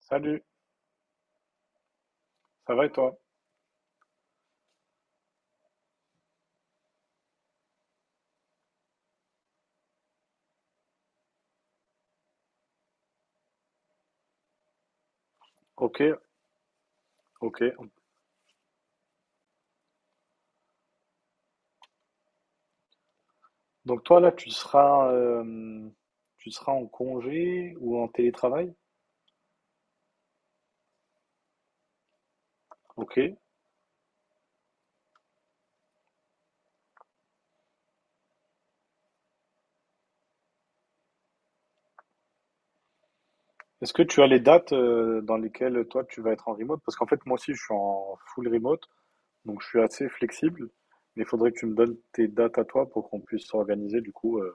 Salut, ça va et toi? Ok, ok. Donc toi là, tu seras en congé ou en télétravail? Ok. Est-ce que tu as les dates dans lesquelles toi tu vas être en remote? Parce qu'en fait moi aussi je suis en full remote, donc je suis assez flexible. Mais il faudrait que tu me donnes tes dates à toi pour qu'on puisse s'organiser du coup,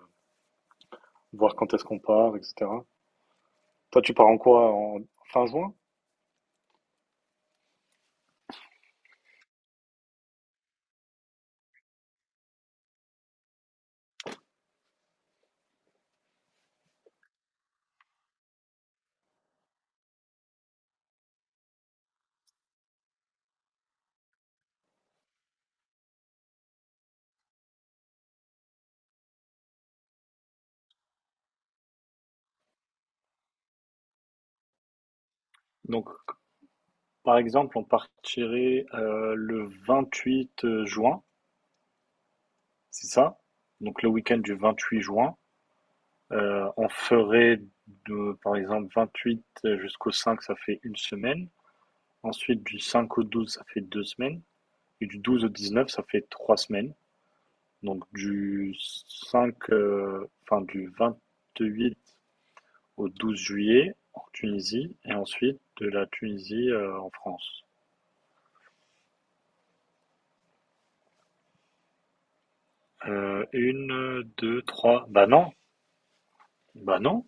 voir quand est-ce qu'on part, etc. Toi tu pars en quoi? En fin juin? Donc par exemple on partirait le 8 juin. C'est ça. Donc le week-end du 28 juin, on ferait de, par exemple 28 jusqu'au 5, ça fait 1 semaine. Ensuite du 5 au 12, ça fait 2 semaines. Et du 12 au 19, ça fait 3 semaines. Donc du 5, enfin du 28 au 12 juillet en Tunisie et ensuite de la Tunisie en France. Une, deux, trois. Bah non, bah non.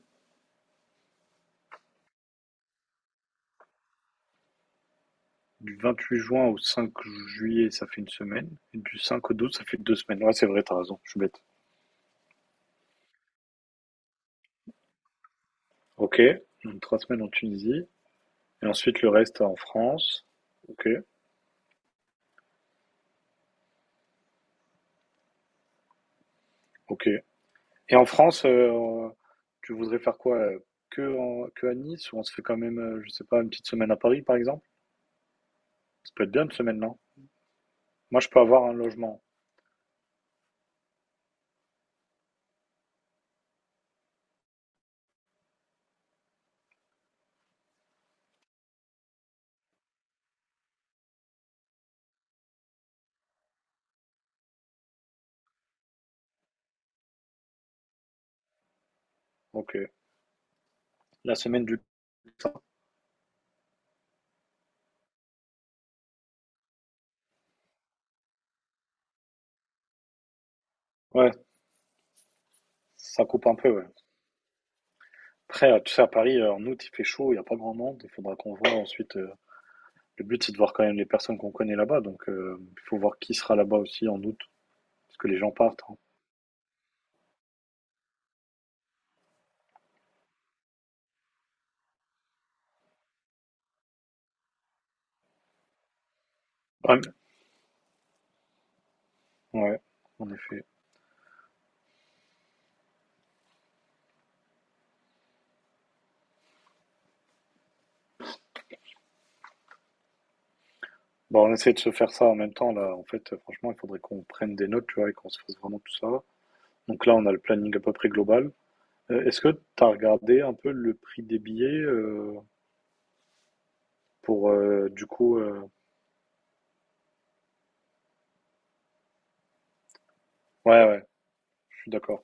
Du vingt-huit juin au 5 juillet, ça fait 1 semaine. Et du 5 au 12, ça fait 2 semaines. Ouais, c'est vrai, t'as raison, je suis bête. OK, donc 3 semaines en Tunisie et ensuite le reste en France. OK, OK. Et en France, tu voudrais faire quoi, que en que à Nice ou on se fait quand même, je sais pas, une petite semaine à Paris, par exemple? Ça peut être bien 1 semaine, non? Moi, je peux avoir un logement. OK. La semaine du Ouais, ça coupe un peu, ouais. Après, tu sais, à Paris, en août, il fait chaud, il y a pas grand monde. Il faudra qu'on voit ensuite. Le but, c'est de voir quand même les personnes qu'on connaît là-bas. Donc, il faut voir qui sera là-bas aussi en août, parce que les gens partent, hein. Ouais, ouais, en effet. Bon, on essaie de se faire ça en même temps, là. En fait, franchement, il faudrait qu'on prenne des notes, tu vois, et qu'on se fasse vraiment tout ça. Donc là, on a le planning à peu près global. Est-ce que tu as regardé un peu le prix des billets pour, du coup. Ouais, ouais, je suis d'accord.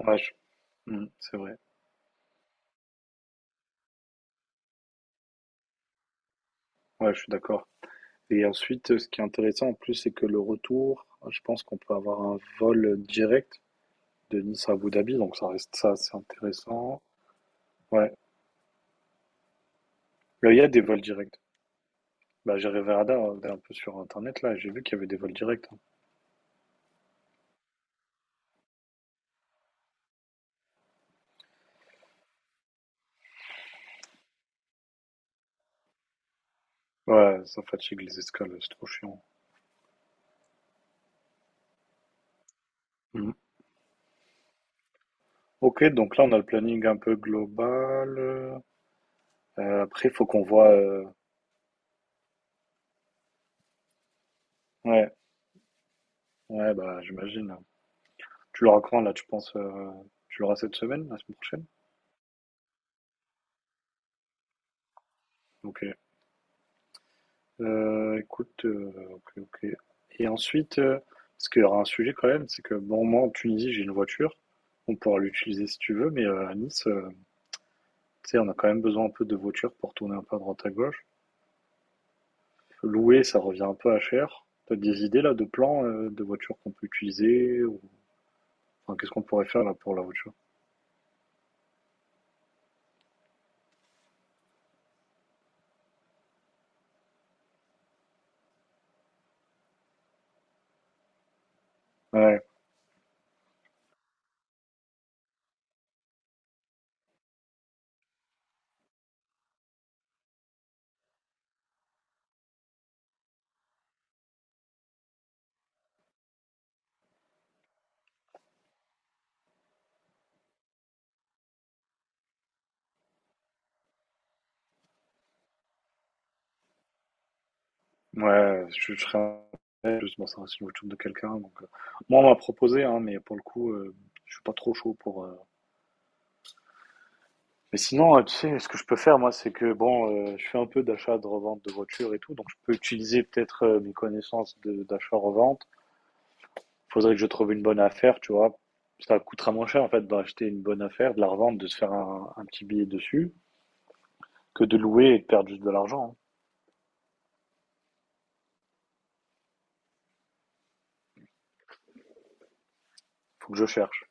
Ouais. Hmm, c'est vrai. Ouais, je suis d'accord. Et ensuite, ce qui est intéressant en plus, c'est que le retour, je pense qu'on peut avoir un vol direct de Nice à Abu Dhabi, donc ça reste ça, c'est intéressant. Ouais. Là, il y a des vols directs. Bah, j'ai regardé un peu sur Internet, là, et j'ai vu qu'il y avait des vols directs, hein. Ouais, ça fatigue les escales, c'est trop chiant. Mhm. Ok, donc là, on a le planning un peu global. Après, il faut qu'on voit. Ouais, ouais, bah, j'imagine. Tu l'auras quand, là, tu penses? Tu l'auras cette semaine, la semaine prochaine? Ok. Écoute, OK, OK et ensuite, parce qu'il y aura un sujet quand même, c'est que bon, moi, en Tunisie, j'ai une voiture. On pourra l'utiliser si tu veux, mais, à Nice, tu sais, on a quand même besoin un peu de voiture pour tourner un peu à droite à gauche. Louer, ça revient un peu à cher. T'as des idées là de plans, de voitures qu'on peut utiliser ou enfin, qu'est-ce qu'on pourrait faire là pour la voiture? Ouais, ouais, je serais en plus, bon, ça reste une voiture de quelqu'un donc, moi, on m'a proposé, hein, mais pour le coup, je suis pas trop chaud pour. Mais sinon, tu sais, ce que je peux faire, moi, c'est que, bon, je fais un peu d'achat, de revente de voitures et tout, donc je peux utiliser peut-être mes connaissances d'achat-revente. Faudrait que je trouve une bonne affaire, tu vois. Ça coûtera moins cher, en fait, d'acheter une bonne affaire, de la revendre, de se faire un petit billet dessus, que de louer et de perdre juste de l'argent, hein. Faut que je cherche.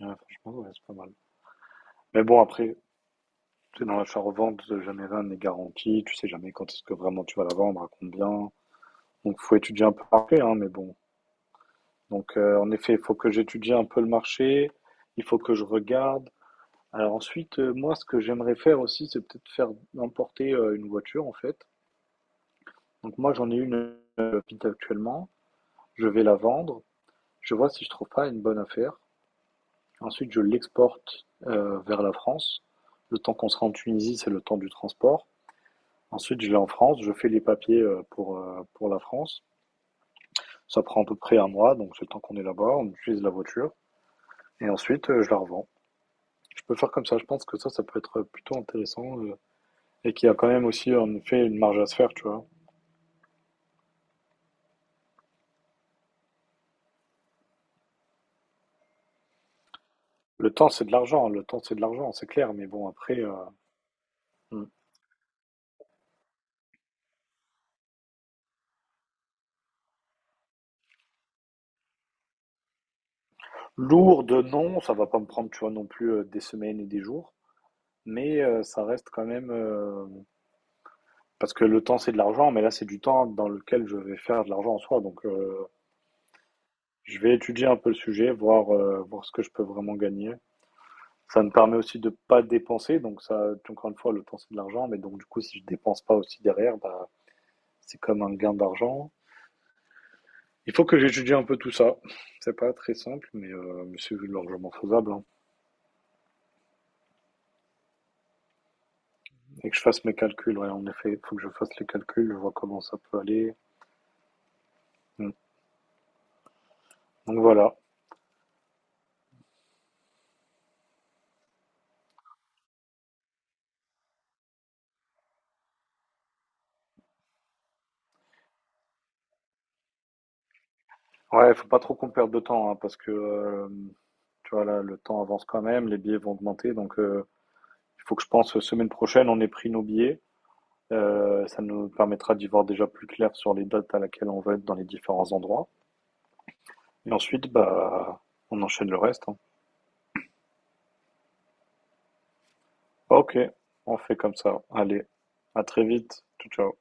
Ouais, franchement, ouais, c'est pas mal. Mais bon, après, tu sais, dans l'achat-revente, jamais rien n'est garanti. Tu sais jamais quand est-ce que vraiment tu vas la vendre, à combien. Donc, faut étudier un peu après, hein, mais bon. Donc, en effet, il faut que j'étudie un peu le marché, il faut que je regarde. Alors ensuite, moi, ce que j'aimerais faire aussi, c'est peut-être faire importer une voiture, en fait. Donc moi, j'en ai une Fit actuellement. Je vais la vendre. Je vois si je trouve pas une bonne affaire. Ensuite, je l'exporte vers la France. Le temps qu'on sera en Tunisie, c'est le temps du transport. Ensuite, je l'ai en France. Je fais les papiers pour la France. Ça prend à peu près 1 mois, donc c'est le temps qu'on est là-bas. On utilise la voiture. Et ensuite, je la revends. Je peux faire comme ça, je pense que ça peut être plutôt intéressant. Et qu'il y a quand même aussi en effet une marge à se faire, tu vois. Le temps, c'est de l'argent, le temps, c'est de l'argent, c'est clair, mais bon, après. Hmm. Lourd de non, ça va pas me prendre, tu vois, non plus des semaines et des jours, mais ça reste quand même, parce que le temps, c'est de l'argent, mais là, c'est du temps dans lequel je vais faire de l'argent en soi, donc je vais étudier un peu le sujet, voir ce que je peux vraiment gagner. Ça me permet aussi de pas dépenser, donc ça, encore une fois, le temps, c'est de l'argent, mais donc du coup, si je dépense pas aussi derrière, bah, c'est comme un gain d'argent. Il faut que j'étudie un peu tout ça. C'est pas très simple, mais c'est largement faisable, hein. Et que je fasse mes calculs, ouais, en effet, il faut que je fasse les calculs, je vois comment ça peut aller. Mm. Donc voilà. Ouais, faut pas trop qu'on perde de temps, hein, parce que tu vois là, le temps avance quand même, les billets vont augmenter, donc il faut que je pense semaine prochaine, on ait pris nos billets. Ça nous permettra d'y voir déjà plus clair sur les dates à laquelle on va être dans les différents endroits. Et ensuite, bah, on enchaîne le reste, hein. Ok, on fait comme ça. Allez, à très vite. Ciao, ciao.